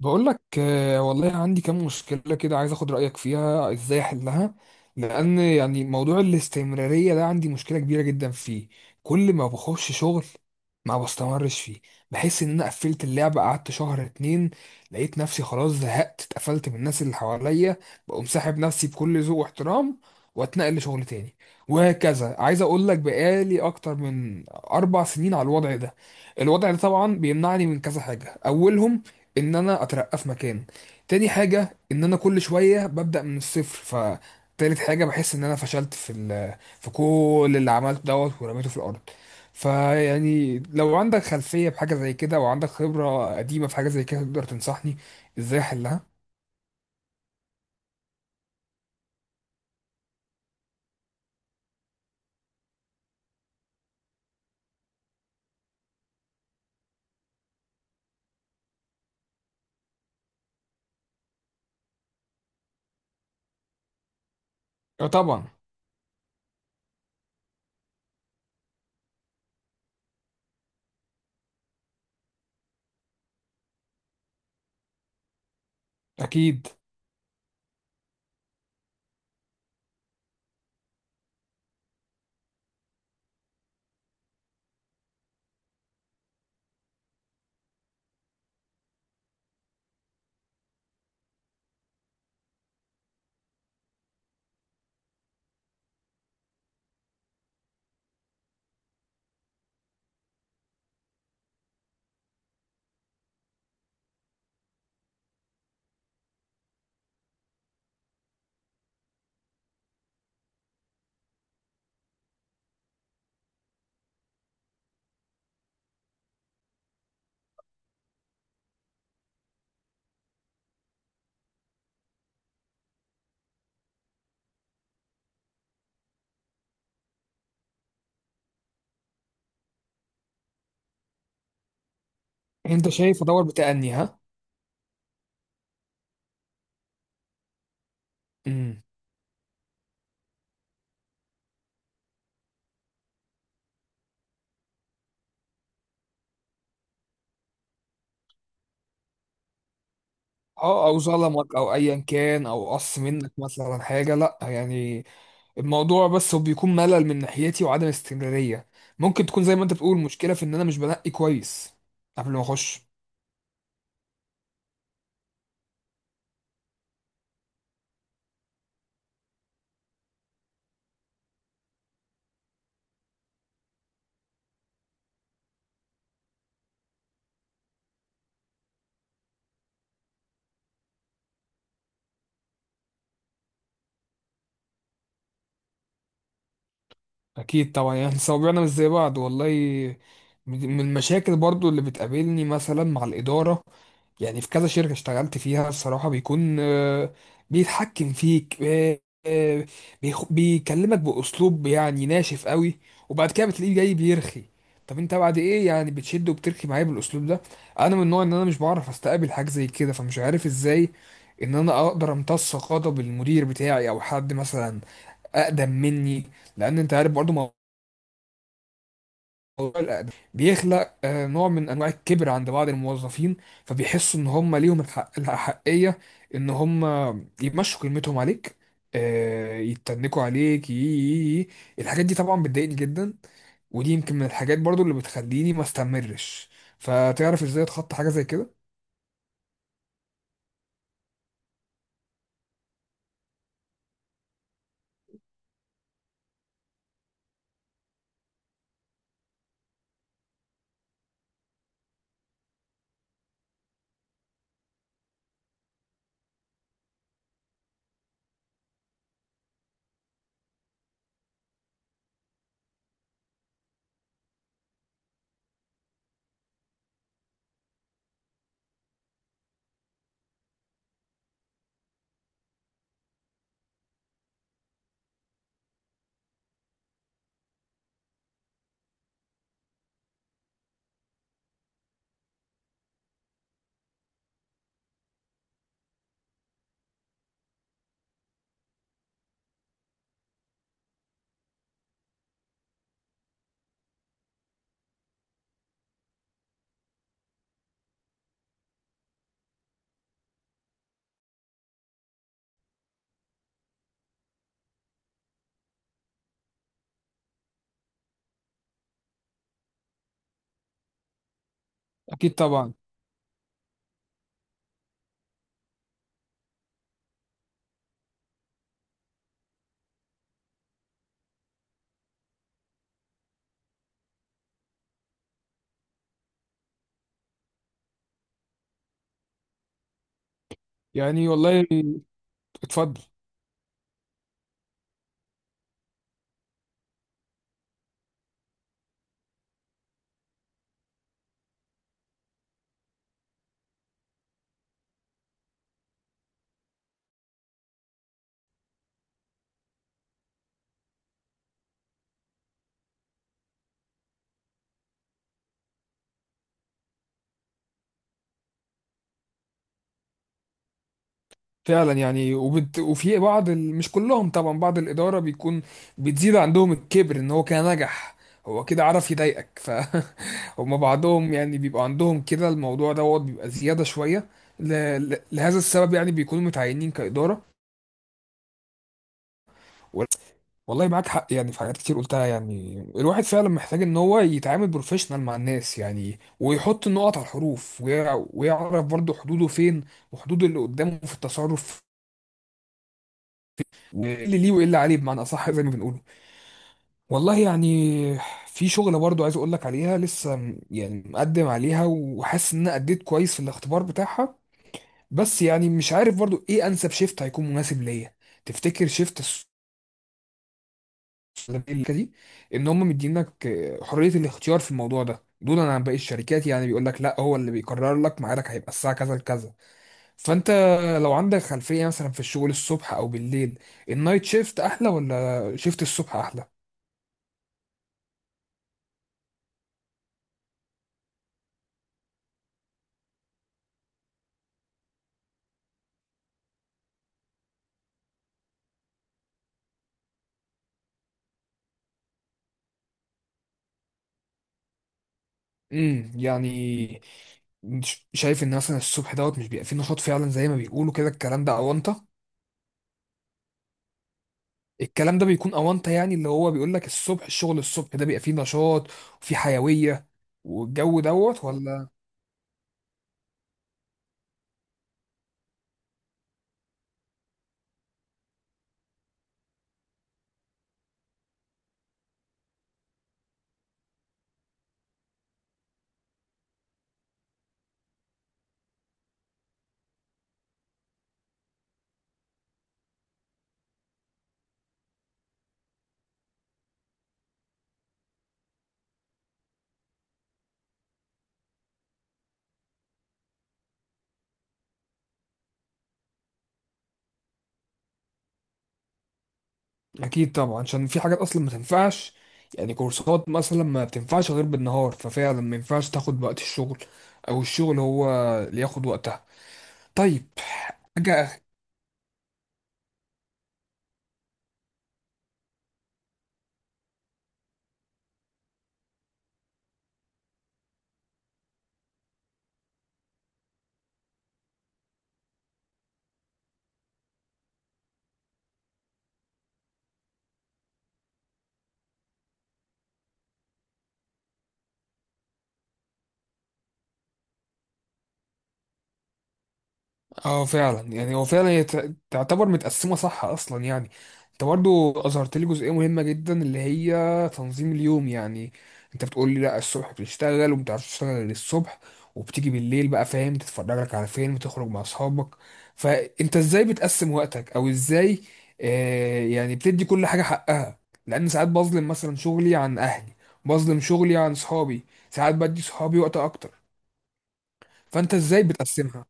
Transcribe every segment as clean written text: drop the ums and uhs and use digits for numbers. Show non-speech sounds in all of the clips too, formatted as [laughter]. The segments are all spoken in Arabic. بقول لك آه، والله عندي كام مشكلة كده، عايز اخد رأيك فيها ازاي احلها. لان موضوع الاستمرارية ده عندي مشكلة كبيرة جدا فيه. كل ما بخش شغل ما بستمرش فيه. بحس ان انا قفلت اللعبة، قعدت شهر اتنين لقيت نفسي خلاص زهقت، اتقفلت من الناس اللي حواليا. بقوم ساحب نفسي بكل ذوق واحترام، واتنقل لشغل تاني، وهكذا. عايز اقول لك بقالي اكتر من 4 سنين على الوضع ده. الوضع ده طبعا بيمنعني من كذا حاجة: اولهم ان انا اترقى في مكان. تاني حاجه، ان انا كل شويه ببدا من الصفر. ف تالت حاجه، بحس ان انا فشلت في في كل اللي عملته دوت ورميته في الارض. فيعني لو عندك خلفيه بحاجه زي كده، وعندك خبره قديمه في حاجه زي كده، تقدر تنصحني ازاي احلها. اه طبعا. اكيد. انت شايف ادور بتأني، ها. امم. اه، او ظلمك، او ايا كان، او قص منك مثلا حاجه، لا يعني. الموضوع بس هو بيكون ملل من ناحيتي وعدم استمرارية. ممكن تكون زي ما انت بتقول، مشكلة في ان انا مش بنقي كويس قبل ما اخش. اكيد طبعا، يعني صوابعنا مش زي بعض. والله من المشاكل برضو اللي بتقابلني مثلا مع الاداره، يعني في كذا شركه اشتغلت فيها، الصراحه بيكون بيتحكم فيك، آه، بيكلمك باسلوب يعني ناشف قوي، وبعد كده بتلاقيه جاي بيرخي. طب انت بعد ايه؟ يعني بتشد وبترخي معايا بالاسلوب ده. انا من النوع ان انا مش بعرف استقبل حاجه زي كده، فمش عارف ازاي ان انا اقدر امتص غضب المدير بتاعي او حد مثلا اقدم مني. لان انت عارف برضو، موضوع الأداء بيخلق نوع من انواع الكبر عند بعض الموظفين، فبيحسوا ان هم ليهم الحق، الأحقية ان هم يمشوا كلمتهم عليك، يتنكوا عليك، يي- يي- يي. الحاجات دي طبعا بتضايقني جدا، ودي يمكن من الحاجات برضو اللي بتخليني ما استمرش. فتعرف ازاي اتخطى حاجة زي كده؟ اكيد طبعا. يعني والله، اتفضل. فعلا يعني، وبت... وفي بعض ال... مش كلهم طبعا، بعض الإدارة بيكون بتزيد عندهم الكبر إن هو كان نجح، هو كده عرف يضايقك. ف [laughs] هما بعضهم يعني بيبقى عندهم كده، الموضوع دوت بيبقى زيادة شوية ل... لهذا السبب يعني، بيكونوا متعينين كإدارة. وال- والله معاك حق، يعني في حاجات كتير قلتها. يعني الواحد فعلا محتاج ان هو يتعامل بروفيشنال مع الناس، يعني، ويحط النقط على الحروف، ويعرف برضه حدوده فين، وحدود اللي قدامه في التصرف، ايه اللي ليه وايه اللي عليه، بمعنى اصح زي ما بنقوله. والله يعني في شغله برضو عايز اقول لك عليها، لسه يعني مقدم عليها، وحاسس ان انا اديت كويس في الاختبار بتاعها. بس يعني مش عارف برضو ايه انسب شيفت هيكون مناسب ليا. تفتكر شيفت الشركه دي ان هم مدينك حريه الاختيار في الموضوع ده دولا عن باقي الشركات، يعني بيقول لك لا، هو اللي بيقرر لك ميعادك، هيبقى الساعه كذا لكذا. فانت لو عندك خلفيه مثلا في الشغل الصبح او بالليل، النايت شيفت احلى ولا شيفت الصبح احلى؟ امم. يعني شايف ان مثلا الصبح دوت مش بيبقى فيه نشاط فعلا زي ما بيقولوا؟ كده الكلام ده اونطه، الكلام ده بيكون اونطه، يعني اللي هو بيقول لك الصبح، الشغل الصبح ده بيبقى فيه نشاط وفيه حيويه والجو دوت، ولا؟ اكيد طبعا، عشان في حاجات اصلا ما تنفعش. يعني كورسات مثلا ما بتنفعش غير بالنهار، ففعلا ما ينفعش تاخد وقت الشغل او الشغل هو اللي ياخد وقتها. طيب حاجه. اه فعلا، يعني هو فعلا هي تعتبر متقسمه صح اصلا يعني. انت برضو اظهرت لي جزئيه مهمه جدا اللي هي تنظيم اليوم. يعني انت بتقول لي لا، الصبح بتشتغل وما بتعرفش تشتغل غير الصبح، وبتيجي بالليل بقى فاهم، تتفرج لك على فيلم، تخرج مع اصحابك. فانت ازاي بتقسم وقتك، او ازاي آه يعني بتدي كل حاجه حقها؟ لان ساعات بظلم مثلا شغلي عن اهلي، بظلم شغلي عن صحابي، ساعات بدي صحابي وقت اكتر. فانت ازاي بتقسمها؟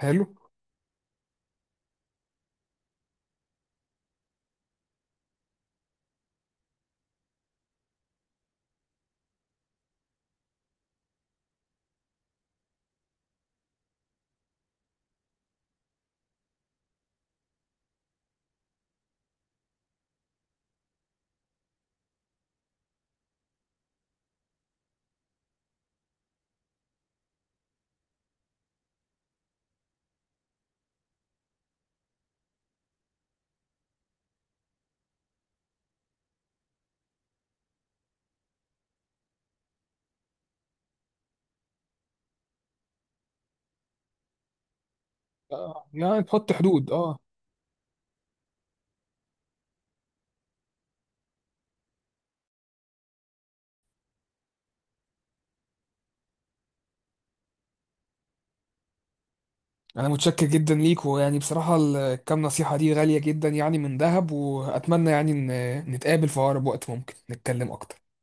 حلو. آه، يعني تحط حدود، اه. انا متشكر جدا ليك، ويعني بصراحة الكام نصيحة دي غالية جدا، يعني من ذهب. واتمنى يعني ان نتقابل في اقرب وقت ممكن نتكلم اكتر.